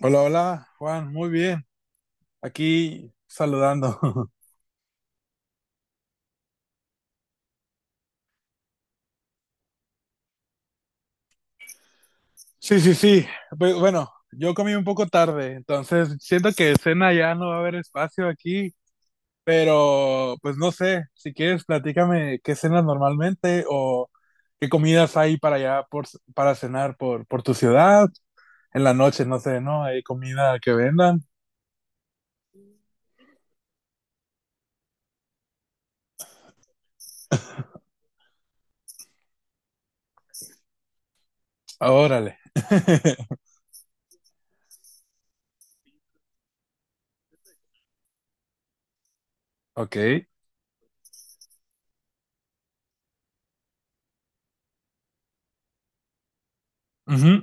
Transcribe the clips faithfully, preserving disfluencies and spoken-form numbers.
Hola, hola, Juan, muy bien. Aquí saludando. Sí, sí, sí. Pues, bueno, yo comí un poco tarde, entonces siento que cena ya no va a haber espacio aquí, pero pues no sé, si quieres platícame qué cenas normalmente o qué comidas hay para allá por, para cenar por, por tu ciudad. En la noche, no sé, ¿no? ¿Hay comida que vendan? Ah, órale. Ok. Ujú.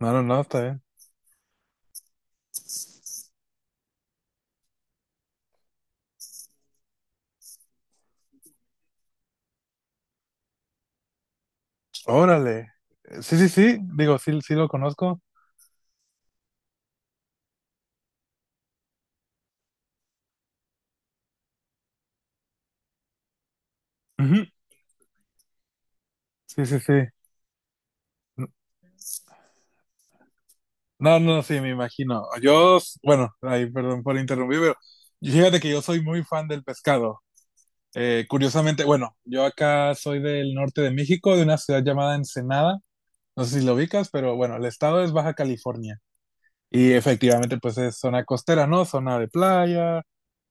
No, no, no, está bien. Órale. Sí, sí, sí, digo, sí, sí lo conozco. Sí, sí, sí. No, no, sí, me imagino. Yo, s- bueno, ahí, perdón por interrumpir, pero yo- fíjate que yo soy muy fan del pescado. Eh, curiosamente, bueno, yo acá soy del norte de México, de una ciudad llamada Ensenada. No sé si lo ubicas, pero bueno, el estado es Baja California. Y efectivamente, pues es zona costera, ¿no? Zona de playa,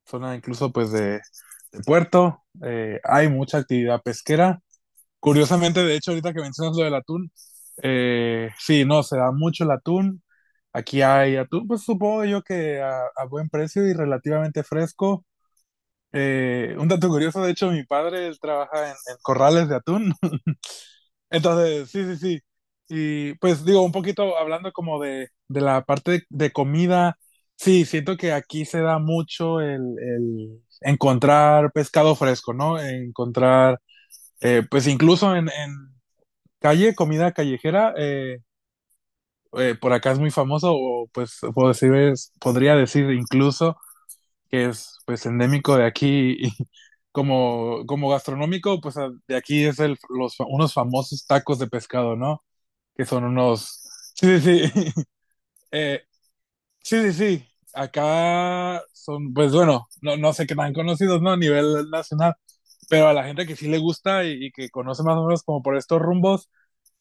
zona incluso pues de, de puerto. Eh, hay mucha actividad pesquera. Curiosamente, de hecho, ahorita que mencionas lo del atún, eh, sí, no, se da mucho el atún. Aquí hay atún, pues supongo yo que a, a buen precio y relativamente fresco. Eh, un dato curioso, de hecho, mi padre, él trabaja en, en corrales de atún. Entonces, sí, sí, sí. Y pues digo, un poquito hablando como de, de la parte de, de comida, sí, siento que aquí se da mucho el, el encontrar pescado fresco, ¿no? Encontrar, eh, pues incluso en, en calle, comida callejera, eh, eh, por acá es muy famoso, o pues puedo decir, es- podría decir incluso que es pues endémico de aquí y como, como gastronómico, pues a- de aquí es el, los, fa- unos famosos tacos de pescado, ¿no? Que son unos... Sí, sí, sí. Eh, sí, sí, sí. Acá son, pues bueno, no, no sé qué tan conocidos, ¿no? A nivel nacional, pero a la gente que sí le gusta y, y que conoce más o menos como por estos rumbos.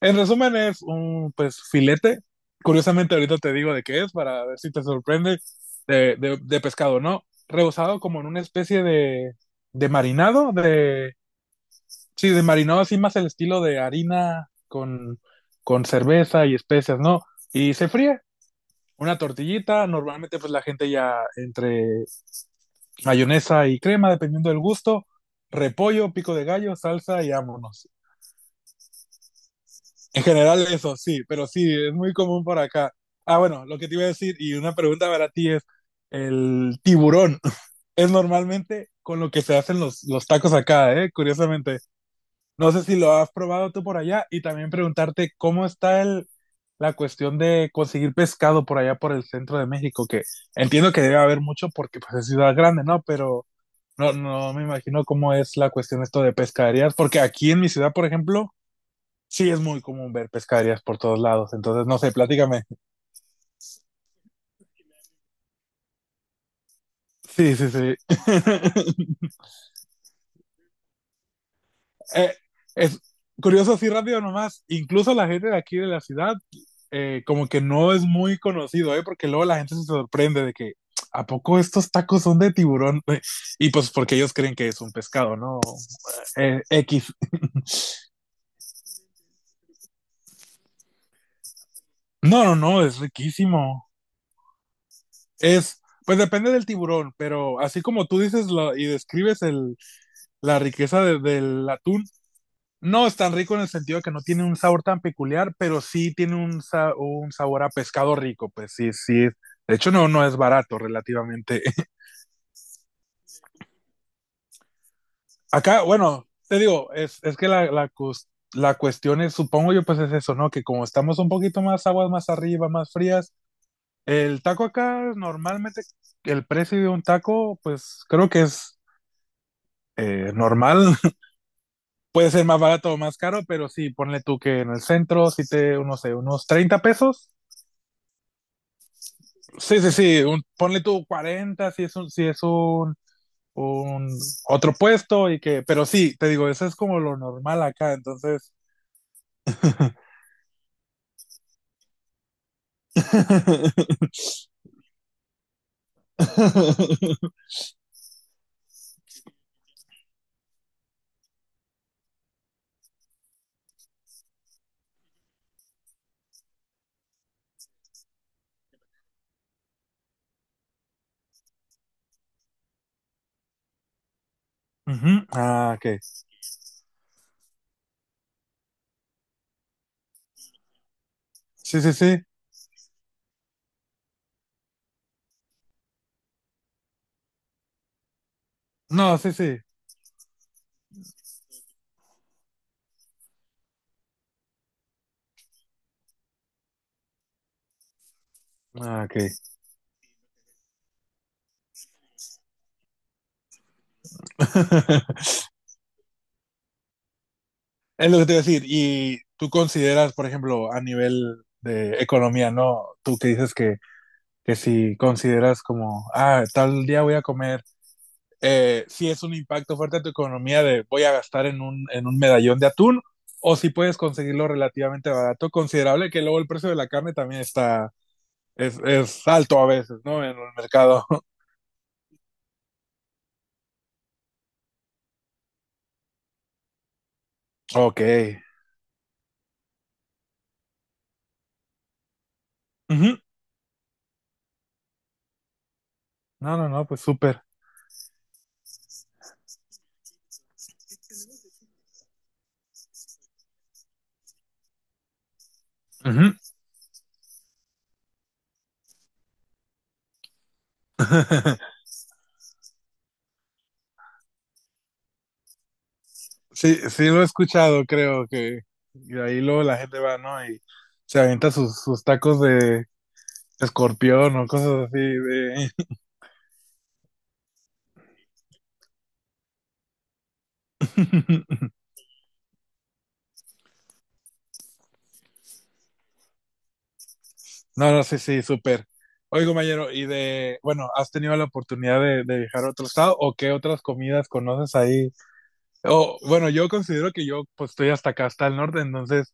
En resumen, es un pues filete. Curiosamente, ahorita te digo de qué es para ver si te sorprende de, de, de pescado, ¿no? Rebozado como en una especie de, de marinado, de sí, de marinado así más el estilo de harina con, con cerveza y especias, ¿no? Y se fríe. Una tortillita, normalmente pues la gente ya entre mayonesa y crema, dependiendo del gusto, repollo, pico de gallo, salsa y vámonos. En general eso, sí, pero sí, es muy común por acá. Ah, bueno, lo que te iba a decir y una pregunta para ti es, el tiburón es normalmente con lo que se hacen los, los tacos acá, ¿eh? Curiosamente. No sé si lo has probado tú por allá y también preguntarte cómo está el, la cuestión de conseguir pescado por allá por el centro de México, que entiendo que debe haber mucho porque pues, es ciudad grande, ¿no? Pero no, no me imagino cómo es la cuestión esto de pescaderías, porque aquí en mi ciudad, por ejemplo, sí, es muy común ver pescaderías por todos lados, entonces no sé, platícame. Sí, sí, sí. Eh, es curioso, así rápido nomás, incluso la gente de aquí de la ciudad, eh, como que no es muy conocido, ¿eh? Porque luego la gente se sorprende de que, ¿a poco estos tacos son de tiburón? Y pues porque ellos creen que es un pescado, ¿no? Eh, X. No, no, no, es riquísimo. Es, pues depende del tiburón, pero así como tú dices lo- y describes el, la riqueza de- del atún. No es tan rico en el sentido de que no tiene un sabor tan peculiar, pero sí tiene un, sa- un sabor a pescado rico, pues sí, sí. De hecho, no, no es barato relativamente. Acá, bueno, te digo, es, es que la, la, cus- la cuestión es, supongo yo, pues es eso, ¿no? Que como estamos un poquito más aguas más arriba, más frías, el taco acá normalmente, el precio de un taco, pues creo que es eh, normal. Puede ser más barato o más caro, pero sí, ponle tú que en el centro, sí te, no sé, unos treinta pesos. Sí, sí, sí, un, ponle tú cuarenta, si es un, si es un, un otro puesto y que, pero sí, te digo, eso es como lo normal acá, entonces. Ujú. Ah, ok. Sí, sí, sí. No, sí, sí. Ah, ok. Es lo que te iba a decir. Y tú consideras, por ejemplo, a nivel de economía, ¿no? Tú que dices que, que si consideras como, ah, tal día voy a comer eh, si es un impacto fuerte a tu economía de voy a gastar en un, en un medallón de atún, o si puedes conseguirlo relativamente barato, considerable, que luego el precio de la carne también está, es, es alto a veces, ¿no? En el mercado. Ok. Ujú. No, no, no, pues súper. Ujú. Sí, sí lo he escuchado, creo que y ahí luego la gente va, ¿no? Y se avienta sus, sus tacos de escorpión o cosas así de... No, no, sí, sí, súper. Oye, compañero, y de, bueno, ¿has tenido la oportunidad de, de viajar a otro estado o qué otras comidas conoces ahí? O, bueno, yo considero que yo pues estoy hasta acá, hasta el norte, entonces,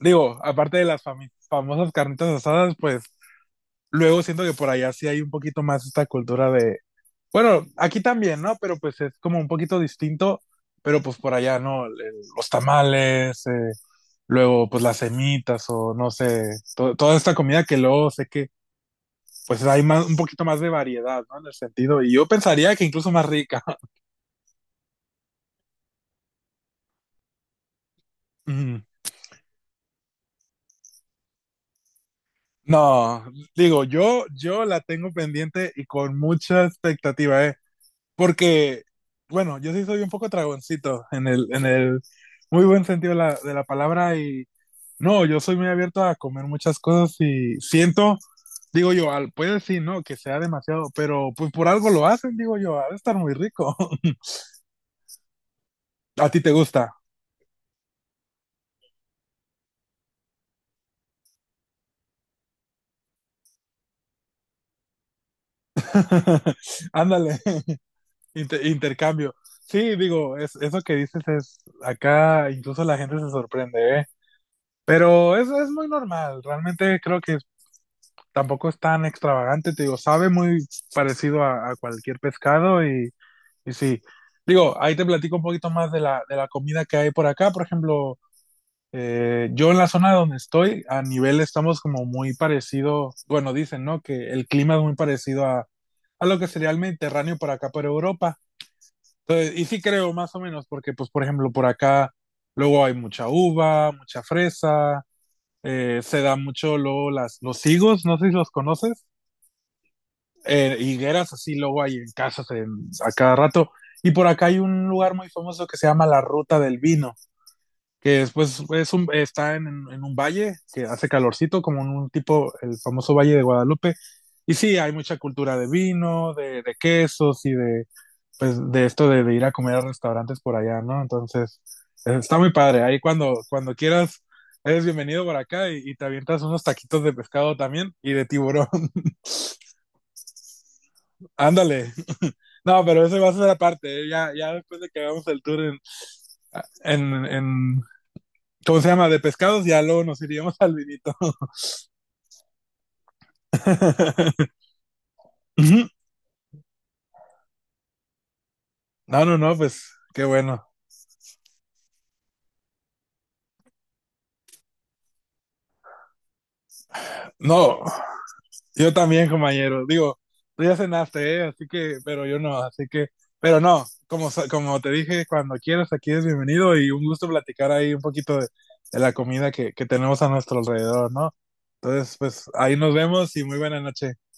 digo, aparte de las fami- famosas carnitas asadas, pues luego siento que por allá sí hay un poquito más esta cultura de, bueno, aquí también, ¿no? Pero pues es como un poquito distinto, pero pues por allá, ¿no? El- el- los tamales, eh, luego pues las semitas o no sé, to- toda esta comida que luego sé que pues hay más, un poquito más de variedad, ¿no? En el sentido, y yo pensaría que incluso más rica. Mm. No, digo, yo, yo la tengo pendiente y con mucha expectativa, ¿eh? Porque, bueno, yo sí soy un poco tragoncito en el, en el muy buen sentido de la, de la palabra y no, yo soy muy abierto a comer muchas cosas y siento, digo yo, al, puede decir, no, que sea demasiado, pero pues por algo lo hacen, digo yo, ha de estar muy rico. A ti te gusta. Ándale. Inter- intercambio. Sí, digo, es, eso que dices es, acá incluso la gente se sorprende, ¿eh? Pero es, es muy normal, realmente creo que tampoco es tan extravagante, te digo, sabe muy parecido a, a cualquier pescado y, y sí. Digo, ahí te platico un poquito más de la, de la comida que hay por acá, por ejemplo, eh, yo en la zona donde estoy, a nivel estamos como muy parecido, bueno, dicen, ¿no? Que el clima es muy parecido a, a lo que sería el Mediterráneo por acá, por Europa. Entonces, y sí creo más o menos, porque pues por ejemplo por acá luego hay mucha uva, mucha fresa, eh, se da mucho luego las, los higos, no sé si los conoces, eh, higueras así luego hay en casas en- a cada rato. Y por acá hay un lugar muy famoso que se llama la Ruta del Vino que después es un, está en, en, un valle que hace calorcito, como en un tipo, el famoso Valle de Guadalupe. Y sí, hay mucha cultura de vino, de, de quesos y de, pues, de esto de, de, ir a comer a restaurantes por allá, ¿no? Entonces, eh, está muy padre. Ahí cuando, cuando quieras, eres bienvenido por acá y, y te avientas unos taquitos de pescado también y de tiburón. Ándale. No, pero eso va a ser aparte. ¿Eh? Ya, ya después de que hagamos el tour en, en, en, ¿cómo se llama? De pescados, ya luego nos iríamos al vinito. No, no, no, pues qué bueno. No, yo también, compañero. Digo, tú ya cenaste, ¿eh? Así que, pero yo no, así que, pero no, como, sa- como te dije, cuando quieras, aquí es bienvenido y un gusto platicar ahí un poquito de, de la comida que, que tenemos a nuestro alrededor, ¿no? Entonces, pues ahí nos vemos y muy buena noche.